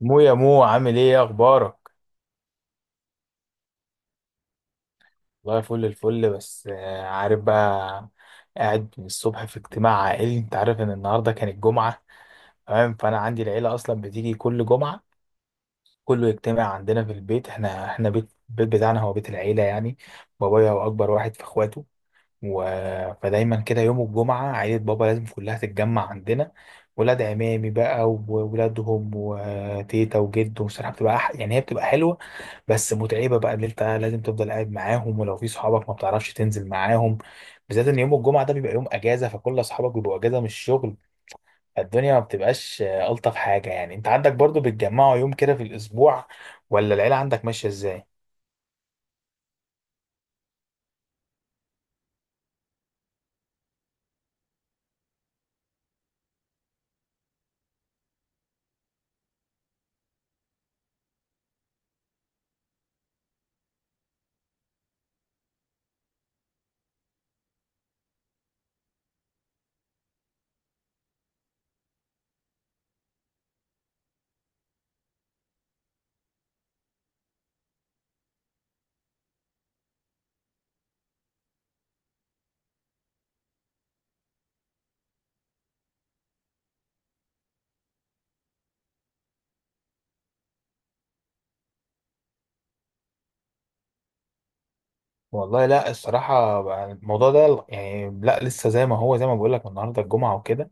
يا مو عامل ايه يا اخبارك؟ والله فل الفل بس عارف بقى. قاعد من الصبح في اجتماع عائلي، انت عارف ان النهارده كانت جمعه، تمام، فانا عندي العيله اصلا بتيجي كل جمعه. كله يجتمع عندنا في البيت. احنا البيت بتاعنا هو بيت العيله يعني. بابايا هو اكبر واحد في اخواته و... فدايما كده يوم الجمعة عيلة بابا لازم كلها تتجمع عندنا. ولاد عمامي بقى وولادهم وتيتا وجد، وصراحة بتبقى يعني هي بتبقى حلوة، بس متعبة بقى اللي انت لازم تفضل قاعد معاهم، ولو في صحابك ما بتعرفش تنزل معاهم، بالذات ان يوم الجمعة ده بيبقى يوم اجازة، فكل اصحابك بيبقوا اجازة من الشغل، فالدنيا ما بتبقاش الطف حاجة يعني. انت عندك برضو بتجمعوا يوم كده في الاسبوع ولا العيلة عندك ماشية ازاي؟ والله لا، الصراحة بقى الموضوع ده يعني لا لسه زي ما هو، زي ما بقول لك النهارده الجمعة وكده،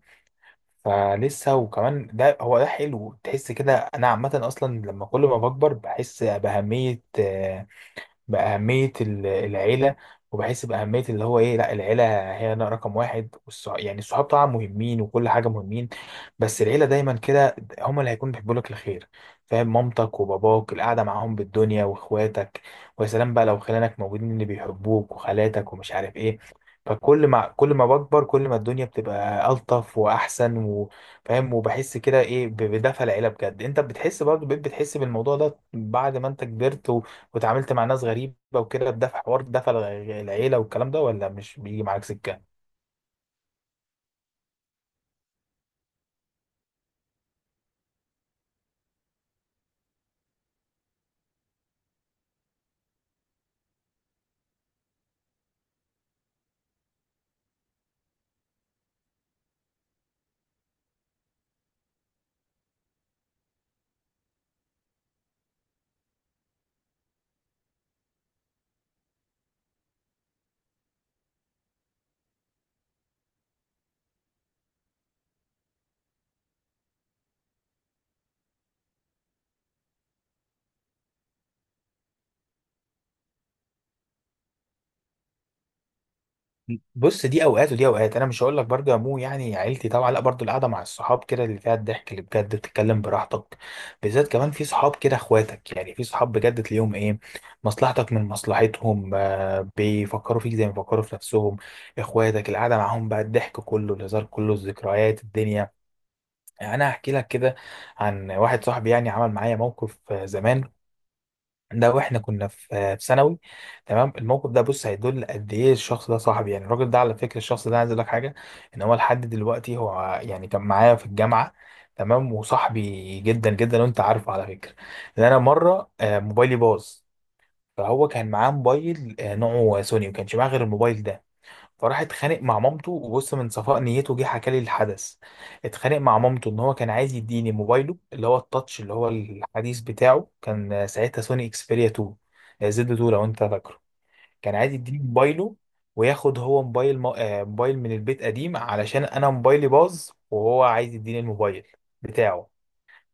فلسه. وكمان ده هو ده حلو، تحس كده. أنا عامة أصلا لما كل ما بكبر بحس بأهمية باهميه العيله، وبحس باهميه اللي هو ايه لا العيله، هي أنا رقم واحد. يعني الصحاب طبعا مهمين وكل حاجه مهمين، بس العيله دايما كده هم اللي هيكونوا بيحبوا لك الخير. فاهم؟ مامتك وباباك، القعده معاهم بالدنيا، واخواتك، ويا سلام بقى لو خلانك موجودين اللي بيحبوك، وخالاتك ومش عارف ايه. فكل ما كل ما بكبر، كل ما الدنيا بتبقى ألطف وأحسن فاهم، وبحس كده ايه بدفى العيله بجد. انت بتحس برضه؟ بقيت بتحس بالموضوع ده بعد ما انت كبرت واتعاملت مع ناس غريبة وكده، بدفع حوار دفع العيلة والكلام ده، ولا مش بيجي معاك سكة؟ بص، دي اوقات ودي اوقات، انا مش هقول لك برضه يا مو، يعني عيلتي طبعا، لا برضه القعده مع الصحاب كده اللي فيها الضحك، اللي بجد بتتكلم براحتك، بالذات كمان في صحاب كده اخواتك، يعني في صحاب بجد تلاقيهم ايه، مصلحتك من مصلحتهم، آه، بيفكروا فيك زي ما بيفكروا في نفسهم. اخواتك القعده معاهم بقى الضحك كله، الهزار كله، الذكريات الدنيا. يعني انا هحكي لك كده عن واحد صاحبي، يعني عمل معايا موقف زمان، ده واحنا كنا في في ثانوي. تمام. الموقف ده، بص، هيدل قد ايه الشخص ده صاحبي، يعني الراجل ده، على فكره الشخص ده، عايز اقول لك حاجه، ان هو لحد دلوقتي هو يعني كان معايا في الجامعه، تمام، وصاحبي جدا جدا. وانت عارفه على فكره ان انا مره موبايلي باظ، فهو كان معاه موبايل نوعه سوني، وما كانش معاه غير الموبايل ده. فراح اتخانق مع مامته، وبص من صفاء نيته جه حكى لي الحدث، اتخانق مع مامته ان هو كان عايز يديني موبايله، اللي هو التاتش اللي هو الحديث بتاعه، كان ساعتها سوني اكسبيريا 2، زد 2، لو انت فاكره. كان عايز يديني موبايله، وياخد هو موبايل م... آه، موبايل من البيت قديم، علشان انا موبايلي باظ، وهو عايز يديني الموبايل بتاعه.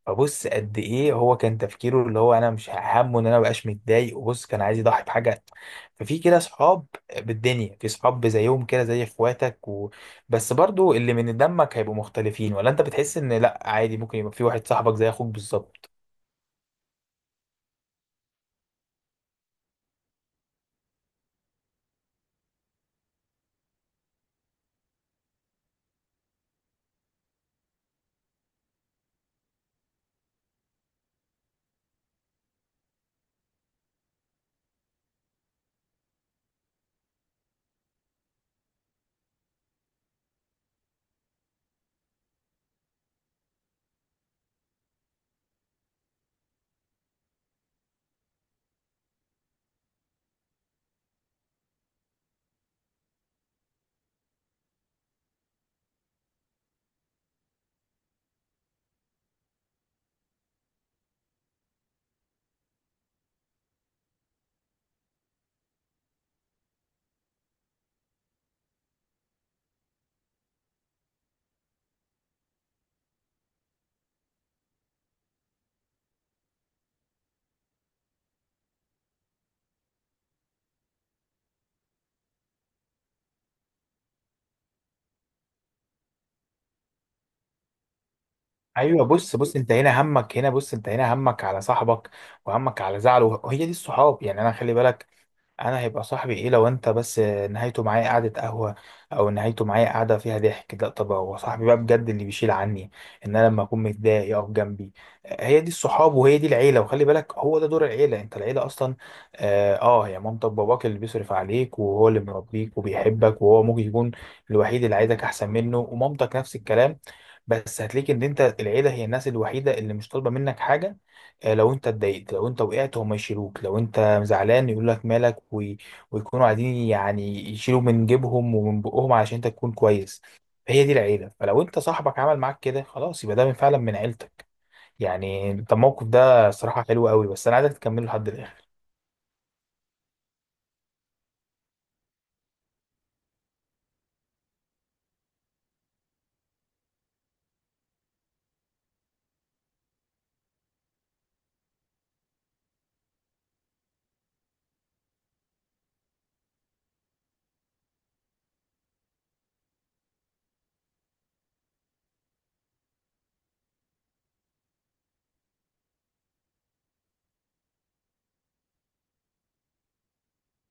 فبص قد ايه هو كان تفكيره، اللي هو انا مش همه ان انا مبقاش متضايق، وبص كان عايز يضحي بحاجه. ففي كده صحاب بالدنيا، في صحاب زيهم كده زي اخواتك بس برضو اللي من دمك هيبقوا مختلفين، ولا انت بتحس ان لا عادي ممكن يبقى في واحد صاحبك زي اخوك بالظبط؟ ايوه، بص بص، انت هنا همك هنا، بص انت هنا همك على صاحبك، وهمك على زعله، وهي دي الصحاب. يعني انا خلي بالك، انا هيبقى صاحبي ايه لو انت بس نهايته معايا قعدة قهوة او نهايته معايا قعدة فيها ضحك؟ لا، طب هو صاحبي بقى بجد اللي بيشيل عني، ان انا لما اكون متضايق يقف جنبي. هي دي الصحاب، وهي دي العيلة. وخلي بالك هو ده دور العيلة، انت العيلة اصلا، هي مامتك باباك اللي بيصرف عليك، وهو اللي مربيك وبيحبك، وهو ممكن يكون الوحيد اللي عايزك احسن منه، ومامتك نفس الكلام. بس هتلاقي ان انت العيلة هي الناس الوحيدة اللي مش طالبة منك حاجة. لو انت اتضايقت، لو انت وقعت هم يشيلوك، لو انت زعلان يقول لك مالك ويكونوا قاعدين يعني يشيلوا من جيبهم ومن بقهم علشان انت تكون كويس. فهي دي العيله. فلو انت صاحبك عمل معاك كده، خلاص، يبقى ده من فعلا من عيلتك. يعني انت الموقف ده صراحه حلو قوي، بس انا عايزك تكمله لحد الاخر.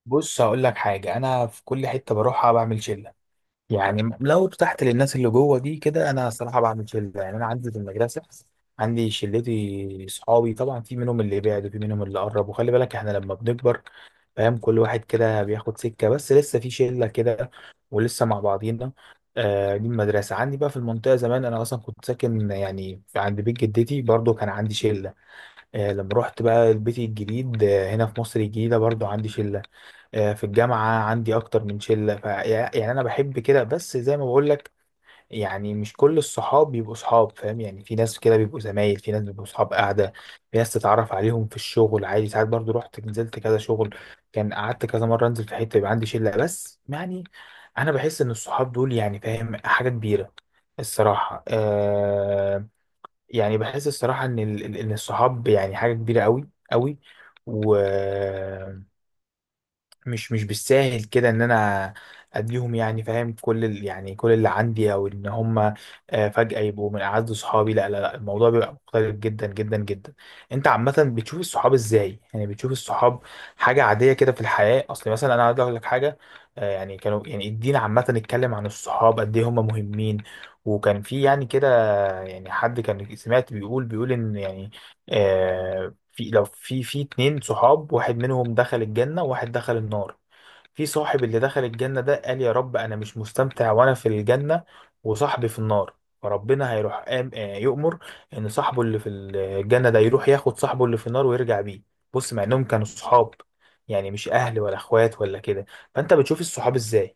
بص هقول لك حاجه، انا في كل حته بروحها بعمل شله، يعني لو ارتحت للناس اللي جوه دي كده انا صراحه بعمل شله. يعني انا عندي في المدرسه، عندي شلتي صحابي طبعا، في منهم اللي بعد وفي منهم اللي قرب، وخلي بالك احنا لما بنكبر، فاهم، كل واحد كده بياخد سكه، بس لسه في شله كده ولسه مع بعضينا، آه، دي المدرسه. عندي بقى في المنطقه، زمان انا اصلا كنت ساكن يعني عند بيت جدتي، برضو كان عندي شله. آه، لما رحت بقى لبيتي الجديد، آه، هنا في مصر الجديده، برضو عندي شله. في الجامعة عندي أكتر من شلة يعني أنا بحب كده. بس زي ما بقولك، يعني مش كل الصحاب بيبقوا صحاب، فاهم؟ يعني في ناس كده بيبقوا زمايل، في ناس بيبقوا صحاب قاعدة، في ناس تتعرف عليهم في الشغل عادي. ساعات برضو رحت نزلت كذا شغل، كان قعدت كذا مرة أنزل في حتة، يبقى عندي شلة، بس يعني أنا بحس إن الصحاب دول يعني، فاهم، حاجة كبيرة الصراحة، آه، يعني بحس الصراحة إن إن الصحاب يعني حاجة كبيرة أوي أوي، و مش بالساهل كده ان انا اديهم يعني فاهم كل ال يعني كل اللي عندي، او ان هم فجأة يبقوا من اعز صحابي. لا لا لا، الموضوع بيبقى مختلف جدا جدا جدا. انت عامة بتشوف الصحاب ازاي؟ يعني بتشوف الصحاب حاجة عادية كده في الحياة؟ اصل مثلا انا عايز اقول لك حاجة، يعني كانوا يعني الدين عامة اتكلم عن الصحاب قد ايه هم مهمين، وكان في يعني كده، يعني حد كان سمعت بيقول ان يعني، آه، في لو في اتنين صحاب، واحد منهم دخل الجنة وواحد دخل النار، في صاحب اللي دخل الجنة ده قال يا رب أنا مش مستمتع وأنا في الجنة وصاحبي في النار، فربنا هيروح قام يؤمر إن صاحبه اللي في الجنة ده يروح ياخد صاحبه اللي في النار ويرجع بيه. بص، مع إنهم كانوا صحاب، يعني مش أهل ولا إخوات ولا كده. فأنت بتشوف الصحاب إزاي؟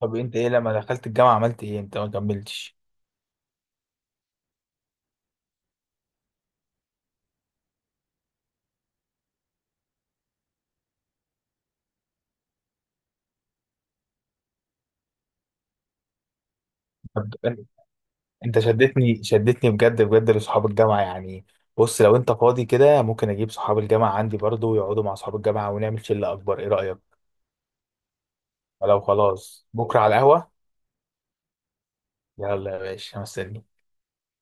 طب أنت إيه لما دخلت الجامعة عملت إيه؟ أنت ما كملتش. طب انت شدتني شدتني بجد بجد لصحاب الجامعه يعني. بص، لو انت فاضي كده ممكن اجيب صحاب الجامعه عندي برضو ويقعدوا مع صحاب الجامعه ونعمل شله اكبر، ايه رايك؟ لو خلاص بكره على القهوه. يلا يا باشا مستني.